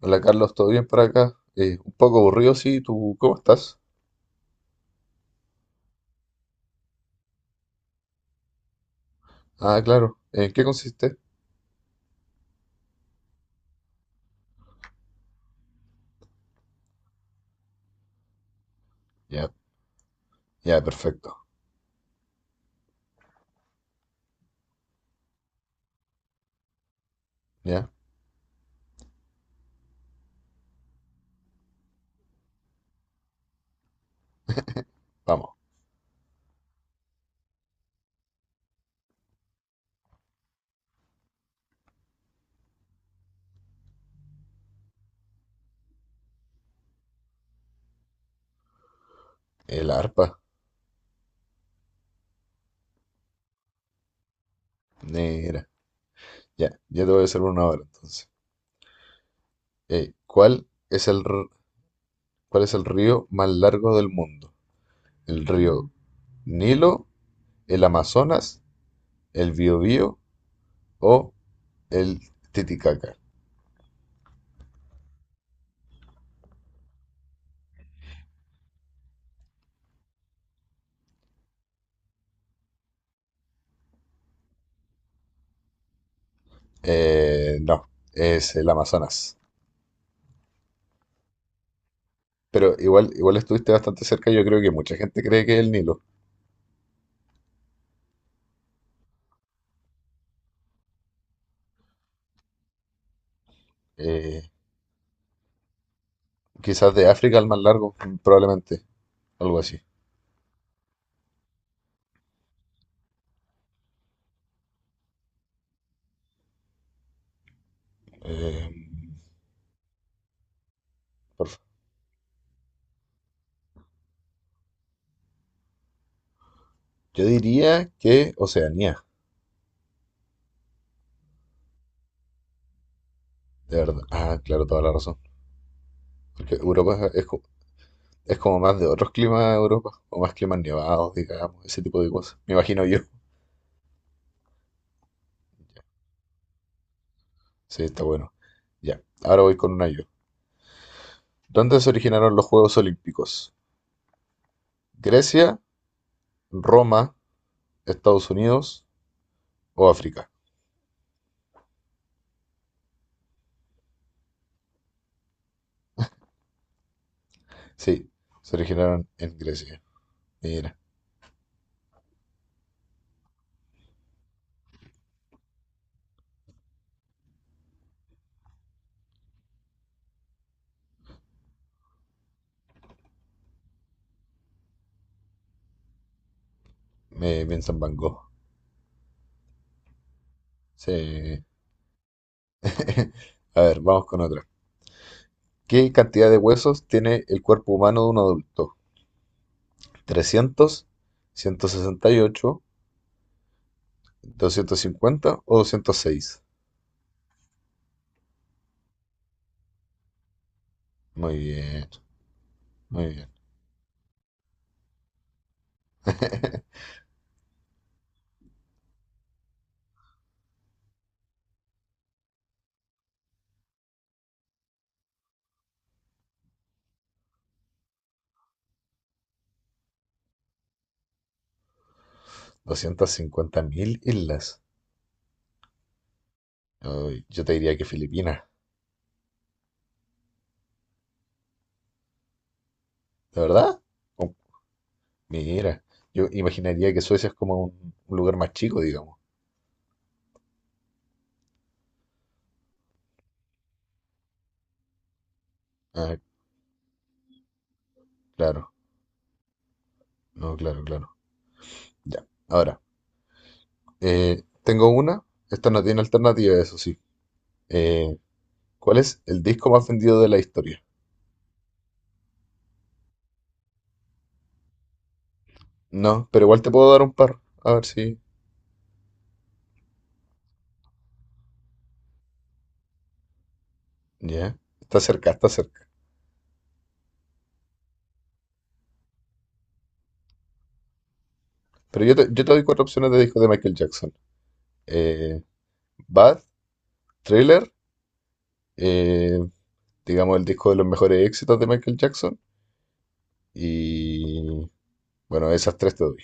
Hola Carlos, ¿todo bien por acá? Un poco aburrido, sí, ¿tú cómo estás? Ah, claro. ¿En qué consiste? Ya, ya, perfecto. Ya, vamos. El arpa. Negra. Ya, ya te voy a hacer una hora entonces. ¿Cuál es cuál es el río más largo del mundo? ¿El río Nilo, el Amazonas, el Biobío o el Titicaca? No, es el Amazonas. Pero igual, igual estuviste bastante cerca, yo creo que mucha gente cree que es el Nilo. Eh, quizás de África el más largo, probablemente. Algo así. Eh, por fa- yo diría que Oceanía, de verdad. Ah, claro, toda la razón. Porque Europa es como más de otros climas de Europa, o más climas nevados, digamos, ese tipo de cosas. Me imagino yo. Sí, está bueno. Ya, ahora voy con una yo. ¿Dónde se originaron los Juegos Olímpicos? ¿Grecia, Roma, Estados Unidos o África? Sí, se originaron en Grecia. Mira, me piensa en Van Gogh. Sí. A ver, vamos con otra. ¿Qué cantidad de huesos tiene el cuerpo humano de un adulto? 300, 168, 250 o 206. Muy bien, muy bien. 250.000 islas. Ay, yo te diría que Filipinas, ¿de verdad? Oh, mira, yo imaginaría que Suecia es como un lugar más chico, digamos. Ah, claro, no, claro, claro. Ya, ahora, tengo una. Esta no tiene alternativa, eso sí. Eh, ¿cuál es el disco más vendido de la historia? No, pero igual te puedo dar un par. A ver si. Ya. Está cerca, está cerca. Pero yo te doy cuatro opciones de discos de Michael Jackson. Eh, Bad, Thriller, eh, digamos el disco de los mejores éxitos de Michael Jackson. Y bueno, esas tres te doy.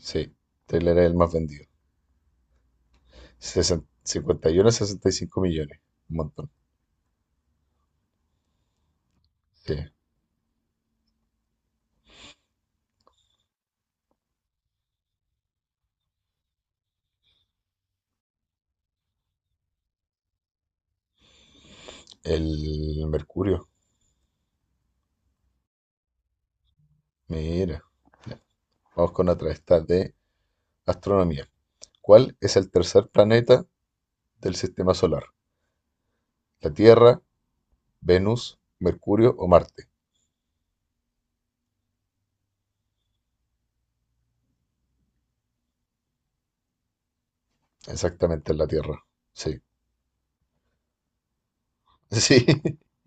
Sí, Thriller es el más vendido. 51 a 65 millones. Un montón. Sí. El Mercurio. Mira. Vamos con otra. Esta de astronomía. ¿Cuál es el tercer planeta del sistema solar? La Tierra, Venus, Mercurio o Marte. Exactamente es la Tierra. Sí. Sí.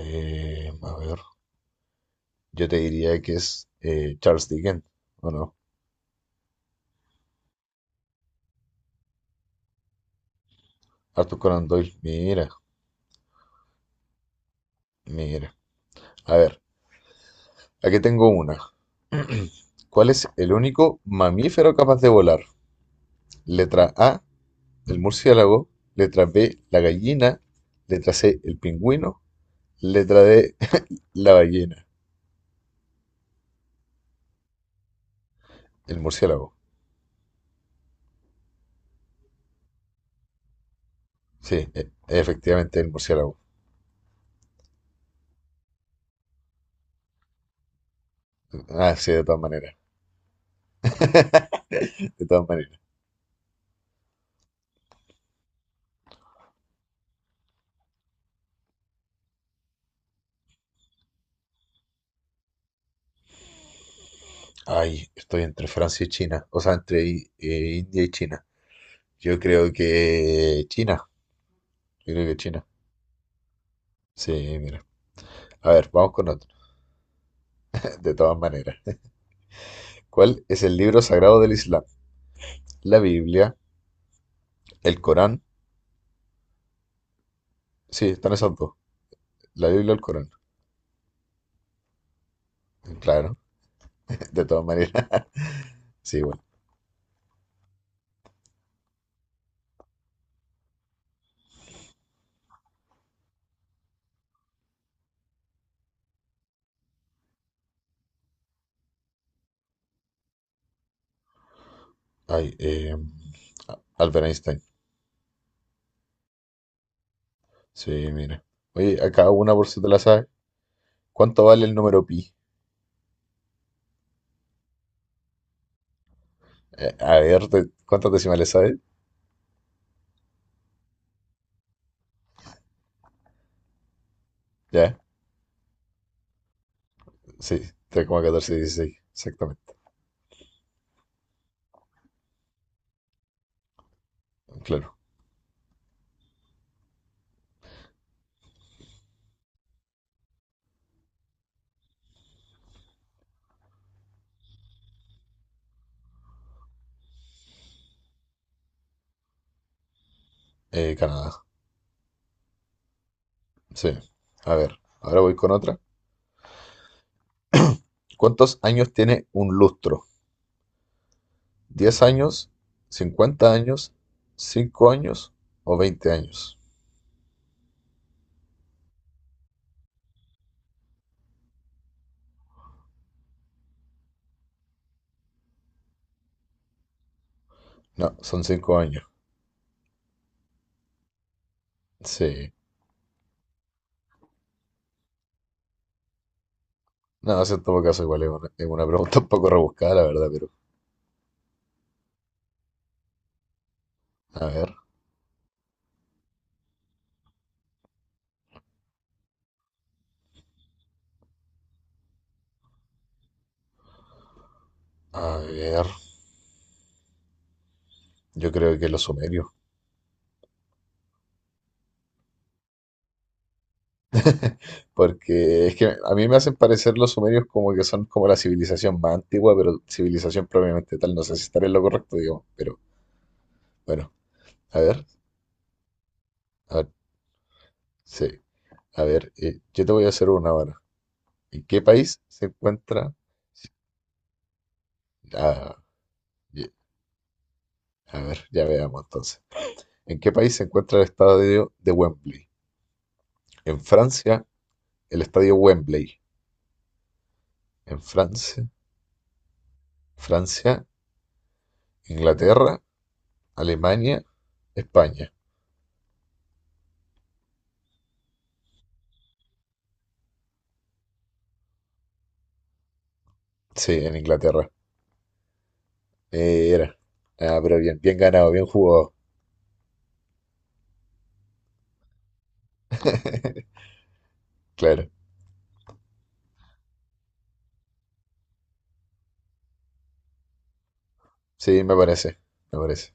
A ver. Yo te diría que es Charles Dickens, ¿o no? Arthur Conan Doyle. Mira, mira. A ver, aquí tengo una. ¿Cuál es el único mamífero capaz de volar? Letra A, el murciélago. Letra B, la gallina. Letra C, el pingüino. Letra D, la ballena. El murciélago. Sí, efectivamente, el murciélago. Ah, sí, de todas maneras, de todas maneras. Ay, estoy entre Francia y China, o sea, entre India y China. Yo creo que China, yo creo que China. Sí, mira. A ver, vamos con otro. De todas maneras. ¿Cuál es el libro sagrado del Islam? La Biblia, el Corán. Sí, están esos dos. La Biblia y el Corán. Claro, de todas maneras. Sí, bueno. Ay, Albert Einstein. Sí, mira. Oye, a una por si te la sabes. ¿Cuánto vale el número pi? A ver, ¿cuántas decimales sabes? ¿Ya? Sí, tres coma catorce dieciséis, exactamente. Claro. Canadá. Sí. A ver, ahora voy con otra. ¿Cuántos años tiene un lustro? ¿10 años? ¿50 años? ¿5 años? ¿O 20 años? No, son 5 años. Sí. No, eso en todo caso igual es una pregunta un poco rebuscada, la verdad, pero... A ver, a ver. Yo creo que los sumerios. Porque es que a mí me hacen parecer los sumerios como que son como la civilización más antigua, pero civilización propiamente tal. No sé si estaré en lo correcto, digo, pero bueno, a ver, a ver, sí, a ver, yo te voy a hacer una ahora. ¿En qué país se encuentra? Ah, ye- a ver, ya veamos entonces. ¿En qué país se encuentra el estadio de Wembley? En Francia, el estadio Wembley. ¿En Francia, Francia, Inglaterra, Alemania, España? Sí, en Inglaterra. Era. Ah, pero bien, bien ganado, bien jugado. Claro. Sí, me parece, me parece.